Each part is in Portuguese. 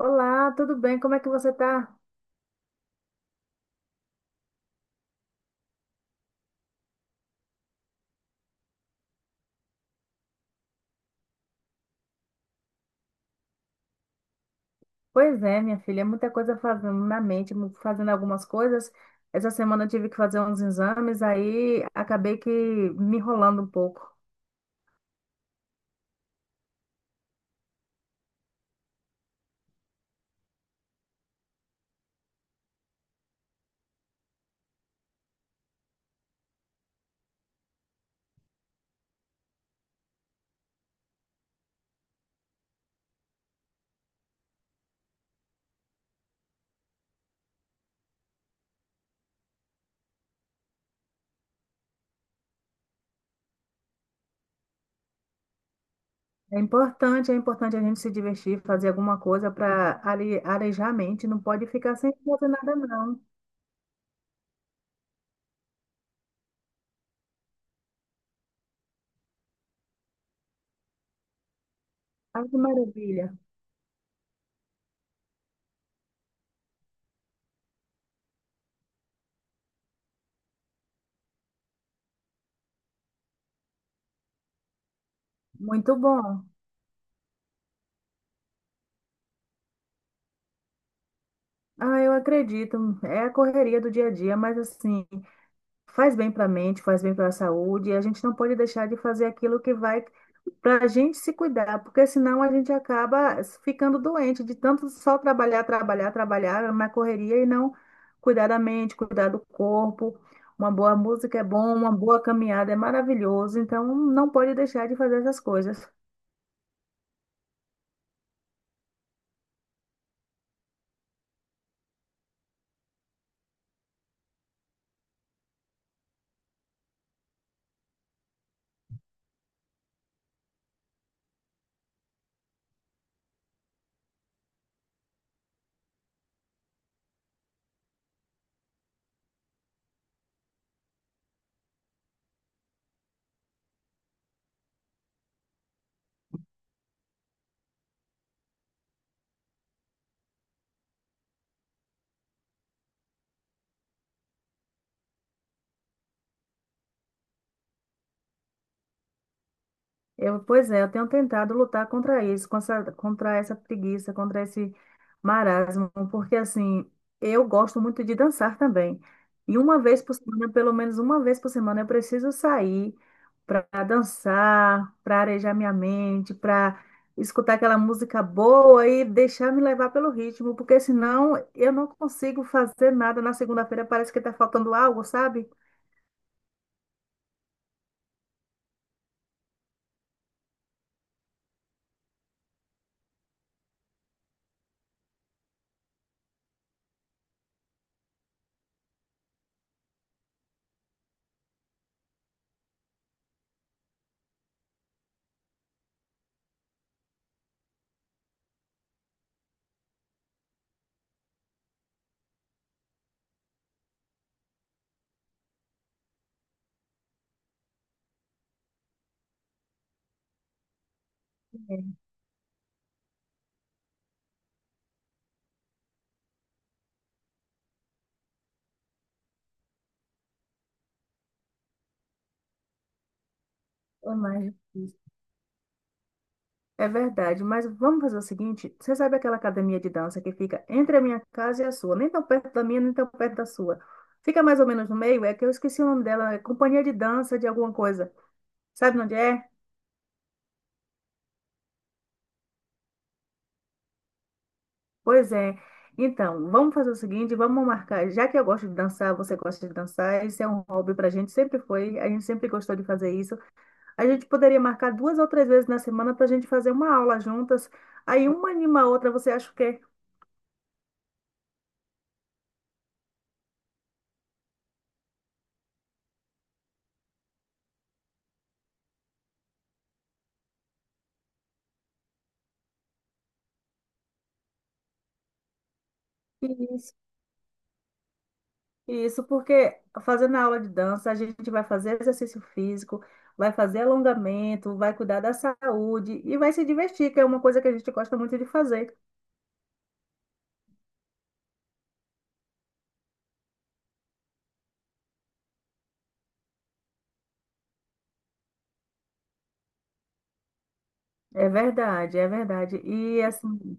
Olá, tudo bem? Como é que você tá? Pois é, minha filha, é muita coisa fazendo na mente, fazendo algumas coisas. Essa semana eu tive que fazer uns exames, aí acabei que me enrolando um pouco. É importante a gente se divertir, fazer alguma coisa para arejar a mente, não pode ficar sem fazer nada, não. Ai, que maravilha. Muito bom. Ah, eu acredito. É a correria do dia a dia, mas assim, faz bem para a mente, faz bem para a saúde, e a gente não pode deixar de fazer aquilo que vai para a gente se cuidar, porque senão a gente acaba ficando doente de tanto só trabalhar, trabalhar, trabalhar na correria e não cuidar da mente, cuidar do corpo. Uma boa música é bom, uma boa caminhada é maravilhoso, então não pode deixar de fazer essas coisas. Eu, pois é, eu tenho tentado lutar contra isso, contra essa preguiça, contra esse marasmo, porque assim, eu gosto muito de dançar também. E uma vez por semana, pelo menos uma vez por semana, eu preciso sair para dançar, para arejar minha mente, para escutar aquela música boa e deixar me levar pelo ritmo, porque senão eu não consigo fazer nada. Na segunda-feira parece que está faltando algo, sabe? É mais difícil. É verdade, mas vamos fazer o seguinte: você sabe aquela academia de dança que fica entre a minha casa e a sua? Nem tão perto da minha, nem tão perto da sua. Fica mais ou menos no meio, é que eu esqueci o nome dela, é Companhia de Dança de alguma coisa. Sabe onde é? Pois é. Então, vamos fazer o seguinte: vamos marcar. Já que eu gosto de dançar, você gosta de dançar, isso é um hobby pra gente, sempre foi, a gente sempre gostou de fazer isso. A gente poderia marcar duas ou três vezes na semana pra gente fazer uma aula juntas. Aí uma anima a outra, você acha o quê? Isso porque fazendo a aula de dança, a gente vai fazer exercício físico, vai fazer alongamento, vai cuidar da saúde e vai se divertir, que é uma coisa que a gente gosta muito de fazer. É verdade, é verdade. E assim,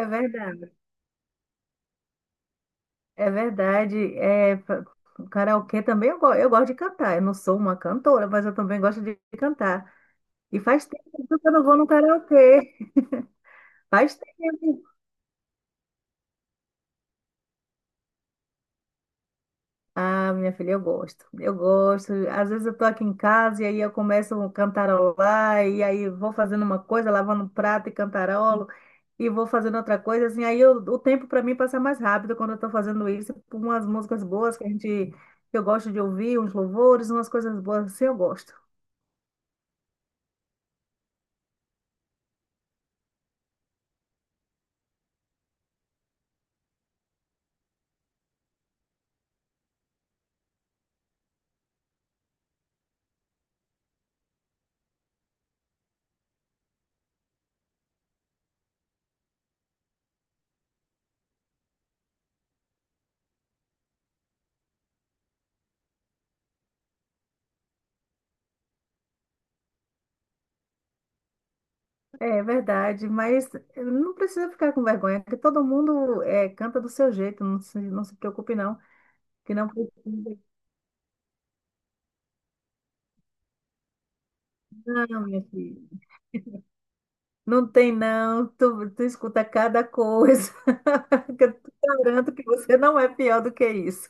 é verdade, é verdade. É, karaokê também eu gosto de cantar. Eu não sou uma cantora, mas eu também gosto de cantar. E faz tempo que eu não vou no karaokê. Faz tempo. Ah, minha filha, eu gosto. Eu gosto. Às vezes eu tô aqui em casa e aí eu começo a cantarolar e aí vou fazendo uma coisa, lavando um prato e cantarolo e vou fazendo outra coisa assim. Aí eu- o tempo para mim passa mais rápido quando eu tô fazendo isso, com umas músicas boas que a gente que eu gosto de ouvir, uns louvores, umas coisas boas assim, eu gosto. É verdade, mas não precisa ficar com vergonha, porque todo mundo é, canta do seu jeito, não se preocupe não, que não precisa. Não, minha filha. Não tem não, tu escuta cada coisa. Que eu te garanto que você não é pior do que isso.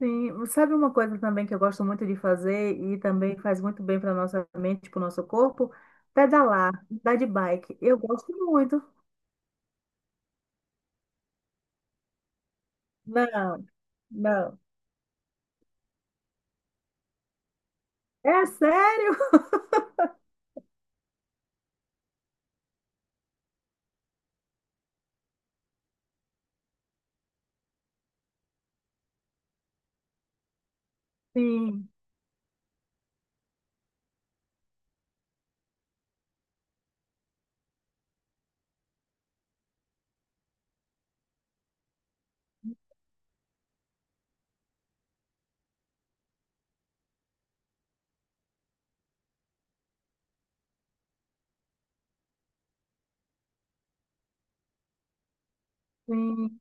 Sim, sabe uma coisa também que eu gosto muito de fazer e também faz muito bem para nossa mente, para o nosso corpo? Pedalar, andar de bike. Eu gosto muito. Não, não. É sério? Sim, sim.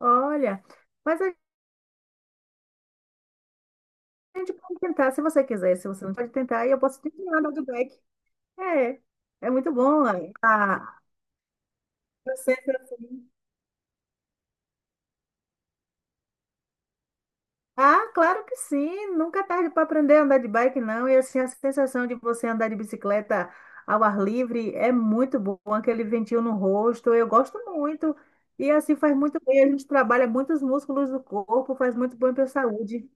Olha, mas a gente pode tentar se você quiser. Se você não pode tentar, aí eu posso te ensinar a andar de bike. É, é muito bom. A, Eu sempre fui. Ah, claro que sim. Nunca é tarde para aprender a andar de bike, não. E assim, a sensação de você andar de bicicleta ao ar livre é muito bom. Aquele ventinho no rosto, eu gosto muito. E assim faz muito bem. A gente trabalha muitos músculos do corpo, faz muito bem para a saúde.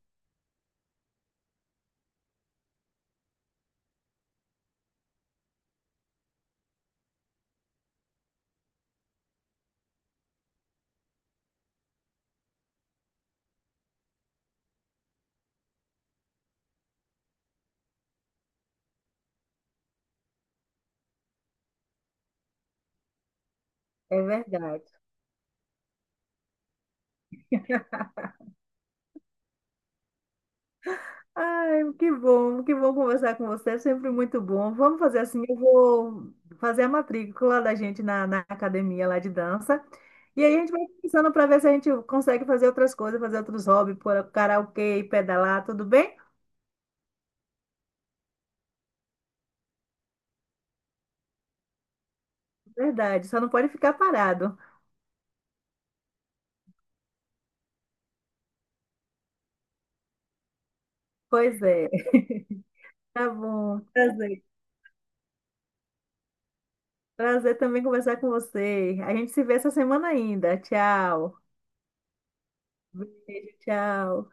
É verdade. Ai, que bom conversar com você, é sempre muito bom. Vamos fazer assim, eu vou fazer a matrícula da gente na academia lá de dança. E aí a gente vai pensando para ver se a gente consegue fazer outras coisas, fazer outros hobbies, por karaokê, pedalar, tudo bem? Verdade, só não pode ficar parado. Pois é, tá bom. Prazer. Prazer também conversar com você. A gente se vê essa semana ainda. Tchau. Beijo, tchau.